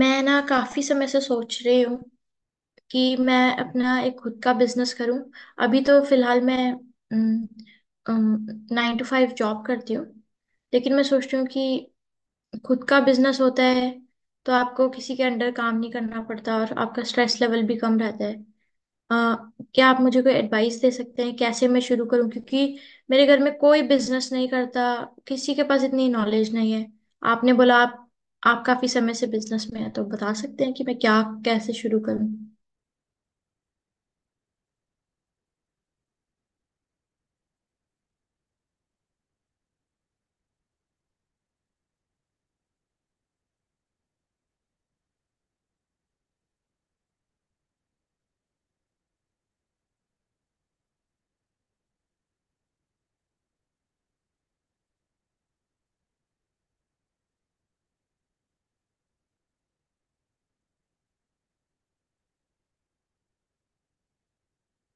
मैं ना काफी समय से सोच रही हूँ कि मैं अपना एक खुद का बिजनेस करूँ। अभी तो फिलहाल मैं 9 to 5 जॉब करती हूँ। लेकिन मैं सोचती हूँ कि खुद का बिजनेस होता है तो आपको किसी के अंडर काम नहीं करना पड़ता और आपका स्ट्रेस लेवल भी कम रहता है। अ, क्या आप मुझे कोई एडवाइस दे सकते हैं कैसे मैं शुरू करूं, क्योंकि मेरे घर में कोई बिजनेस नहीं करता, किसी के पास इतनी नॉलेज नहीं है। आपने बोला आप काफी समय से बिजनेस में है तो बता सकते हैं कि मैं क्या कैसे शुरू करूं।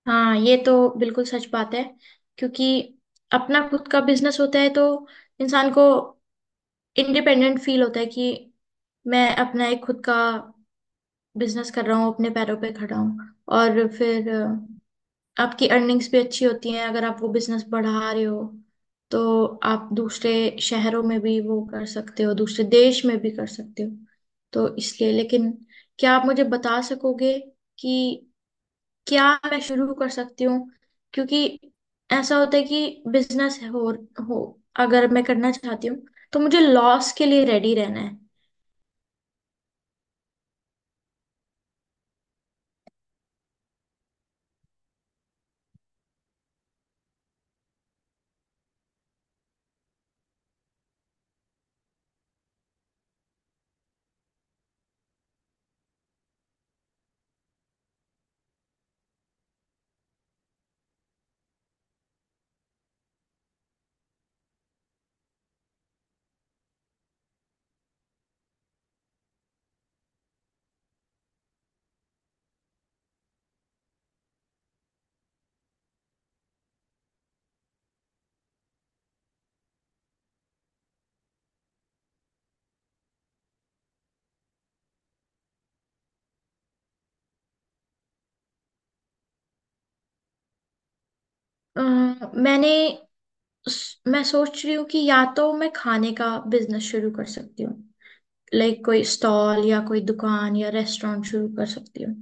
हाँ, ये तो बिल्कुल सच बात है, क्योंकि अपना खुद का बिजनेस होता है तो इंसान को इंडिपेंडेंट फील होता है कि मैं अपना एक खुद का बिजनेस कर रहा हूँ, अपने पैरों पे खड़ा हूँ। और फिर आपकी अर्निंग्स भी अच्छी होती हैं अगर आप वो बिजनेस बढ़ा रहे हो, तो आप दूसरे शहरों में भी वो कर सकते हो, दूसरे देश में भी कर सकते हो। तो इसलिए लेकिन क्या आप मुझे बता सकोगे कि क्या मैं शुरू कर सकती हूँ, क्योंकि ऐसा होता है कि बिजनेस हो, अगर मैं करना चाहती हूँ तो मुझे लॉस के लिए रेडी रहना है। अ, मैंने मैं सोच रही हूँ कि या तो मैं खाने का बिजनेस शुरू कर सकती हूँ, लाइक कोई स्टॉल या कोई दुकान या रेस्टोरेंट शुरू कर सकती हूँ।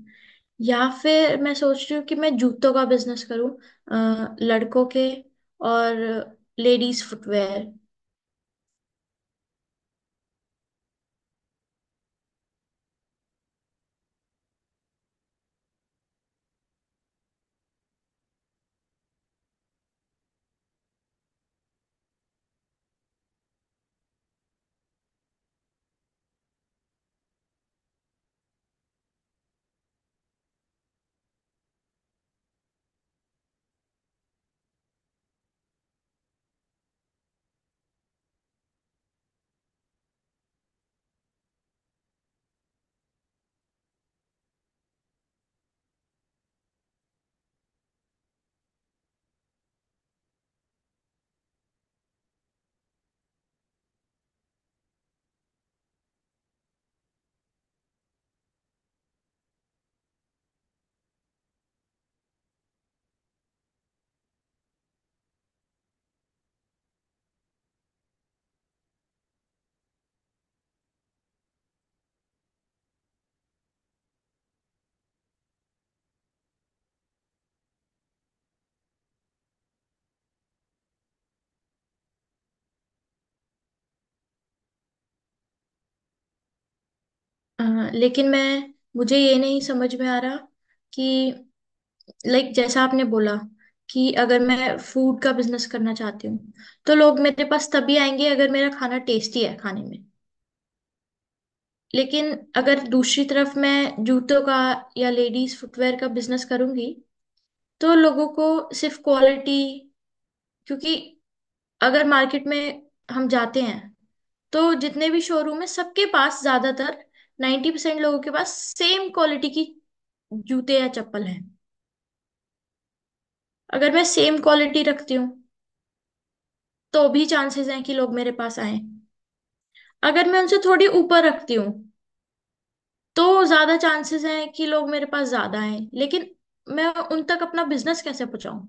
या फिर मैं सोच रही हूँ कि मैं जूतों का बिजनेस करूँ, लड़कों के और लेडीज फुटवेयर। अ, लेकिन मैं मुझे ये नहीं समझ में आ रहा कि लाइक जैसा आपने बोला कि अगर मैं फूड का बिजनेस करना चाहती हूँ तो लोग मेरे पास तभी आएंगे अगर मेरा खाना टेस्टी है खाने में। लेकिन अगर दूसरी तरफ मैं जूतों का या लेडीज फुटवेयर का बिजनेस करूंगी तो लोगों को सिर्फ क्वालिटी, क्योंकि अगर मार्केट में हम जाते हैं तो जितने भी शोरूम है सबके पास ज्यादातर 90% लोगों के पास सेम क्वालिटी की जूते या चप्पल हैं। अगर मैं सेम क्वालिटी रखती हूँ तो भी चांसेस हैं कि लोग मेरे पास आए। अगर मैं उनसे थोड़ी ऊपर रखती हूँ तो ज्यादा चांसेस हैं कि लोग मेरे पास ज्यादा आए, लेकिन मैं उन तक अपना बिजनेस कैसे पहुंचाऊं?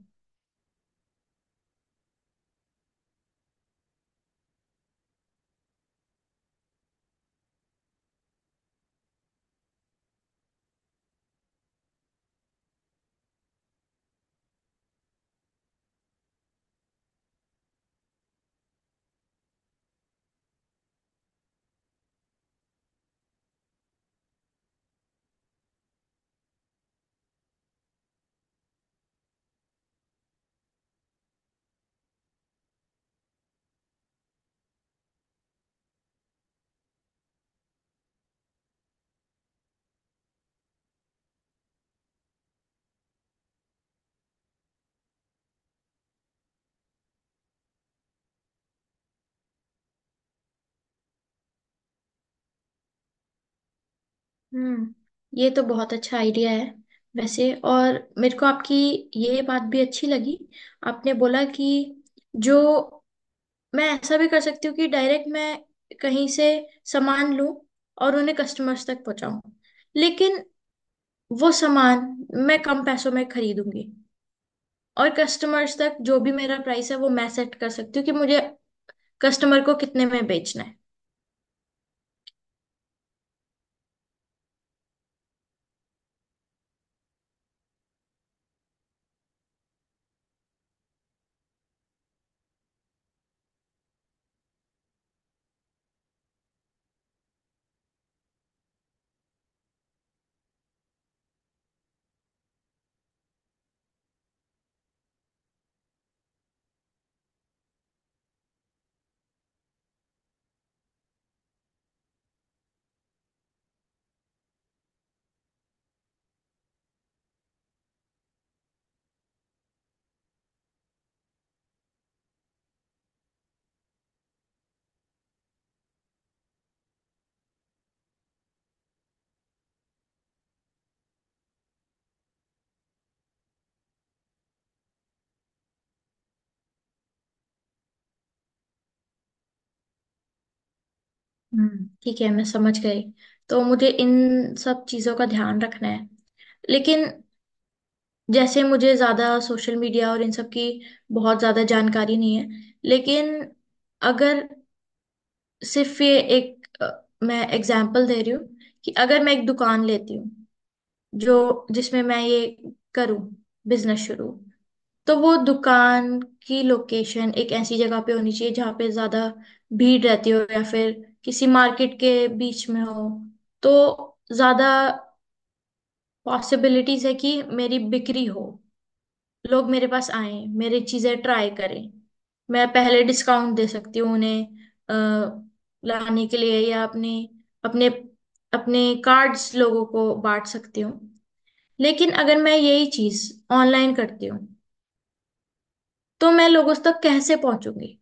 हम्म ये तो बहुत अच्छा आइडिया है। वैसे और मेरे को आपकी ये बात भी अच्छी लगी। आपने बोला कि जो मैं ऐसा भी कर सकती हूँ कि डायरेक्ट मैं कहीं से सामान लूं और उन्हें कस्टमर्स तक पहुंचाऊं। लेकिन वो सामान मैं कम पैसों में खरीदूंगी और कस्टमर्स तक जो भी मेरा प्राइस है वो मैं सेट कर सकती हूँ कि मुझे कस्टमर को कितने में बेचना है। ठीक है, मैं समझ गई। तो मुझे इन सब चीजों का ध्यान रखना है। लेकिन जैसे मुझे ज्यादा सोशल मीडिया और इन सब की बहुत ज्यादा जानकारी नहीं है। लेकिन अगर सिर्फ ये एक मैं एग्जाम्पल दे रही हूँ कि अगर मैं एक दुकान लेती हूँ जो जिसमें मैं ये करूँ बिजनेस शुरू, तो वो दुकान की लोकेशन एक ऐसी जगह पे होनी चाहिए जहाँ पे ज्यादा भीड़ रहती हो या फिर किसी मार्केट के बीच में हो, तो ज्यादा पॉसिबिलिटीज है कि मेरी बिक्री हो, लोग मेरे पास आए, मेरी चीजें ट्राई करें। मैं पहले डिस्काउंट दे सकती हूँ उन्हें अ, लाने के लिए, या अपने अपने अपने कार्ड्स लोगों को बांट सकती हूँ। लेकिन अगर मैं यही चीज ऑनलाइन करती हूँ तो मैं लोगों तक कैसे पहुंचूंगी?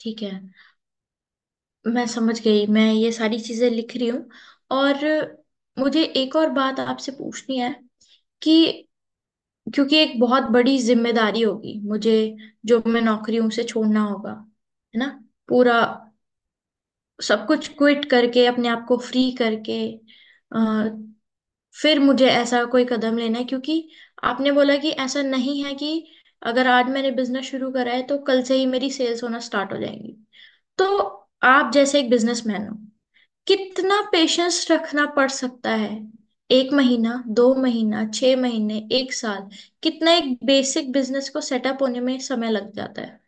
ठीक है, मैं समझ गई, मैं ये सारी चीजें लिख रही हूँ। और मुझे एक और बात आपसे पूछनी है कि क्योंकि एक बहुत बड़ी जिम्मेदारी होगी मुझे, जो मैं नौकरी हूं उसे छोड़ना होगा, है ना, पूरा सब कुछ क्विट करके अपने आप को फ्री करके आ, फिर मुझे ऐसा कोई कदम लेना है, क्योंकि आपने बोला कि ऐसा नहीं है कि अगर आज मैंने बिजनेस शुरू करा है तो कल से ही मेरी सेल्स होना स्टार्ट हो जाएंगी। तो आप जैसे एक बिजनेसमैन हो, कितना पेशेंस रखना पड़ सकता है? एक महीना, 2 महीना, 6 महीने, एक साल, कितना एक बेसिक बिजनेस को सेटअप होने में समय लग जाता है?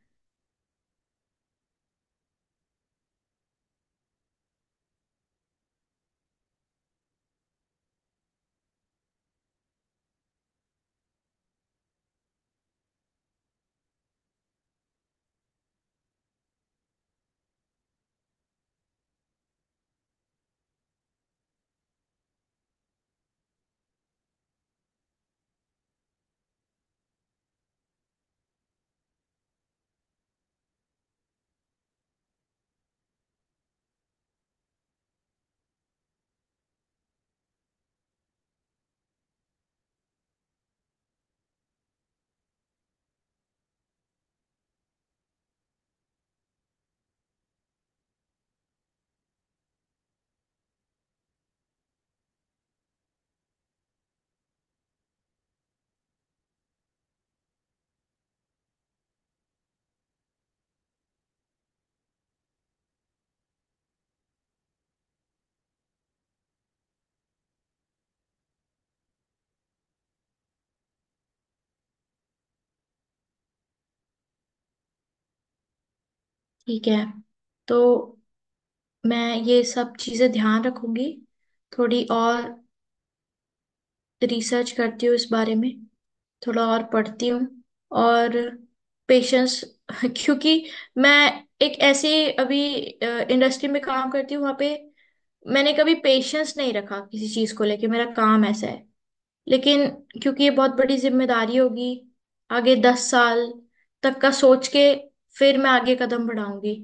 ठीक है, तो मैं ये सब चीजें ध्यान रखूंगी, थोड़ी और रिसर्च करती हूँ इस बारे में, थोड़ा और पढ़ती हूँ और पेशेंस क्योंकि मैं एक ऐसे अभी इंडस्ट्री में काम करती हूँ, वहाँ पे मैंने कभी पेशेंस नहीं रखा किसी चीज़ को लेके, मेरा काम ऐसा है। लेकिन क्योंकि ये बहुत बड़ी जिम्मेदारी होगी, आगे 10 साल तक का सोच के फिर मैं आगे कदम बढ़ाऊंगी।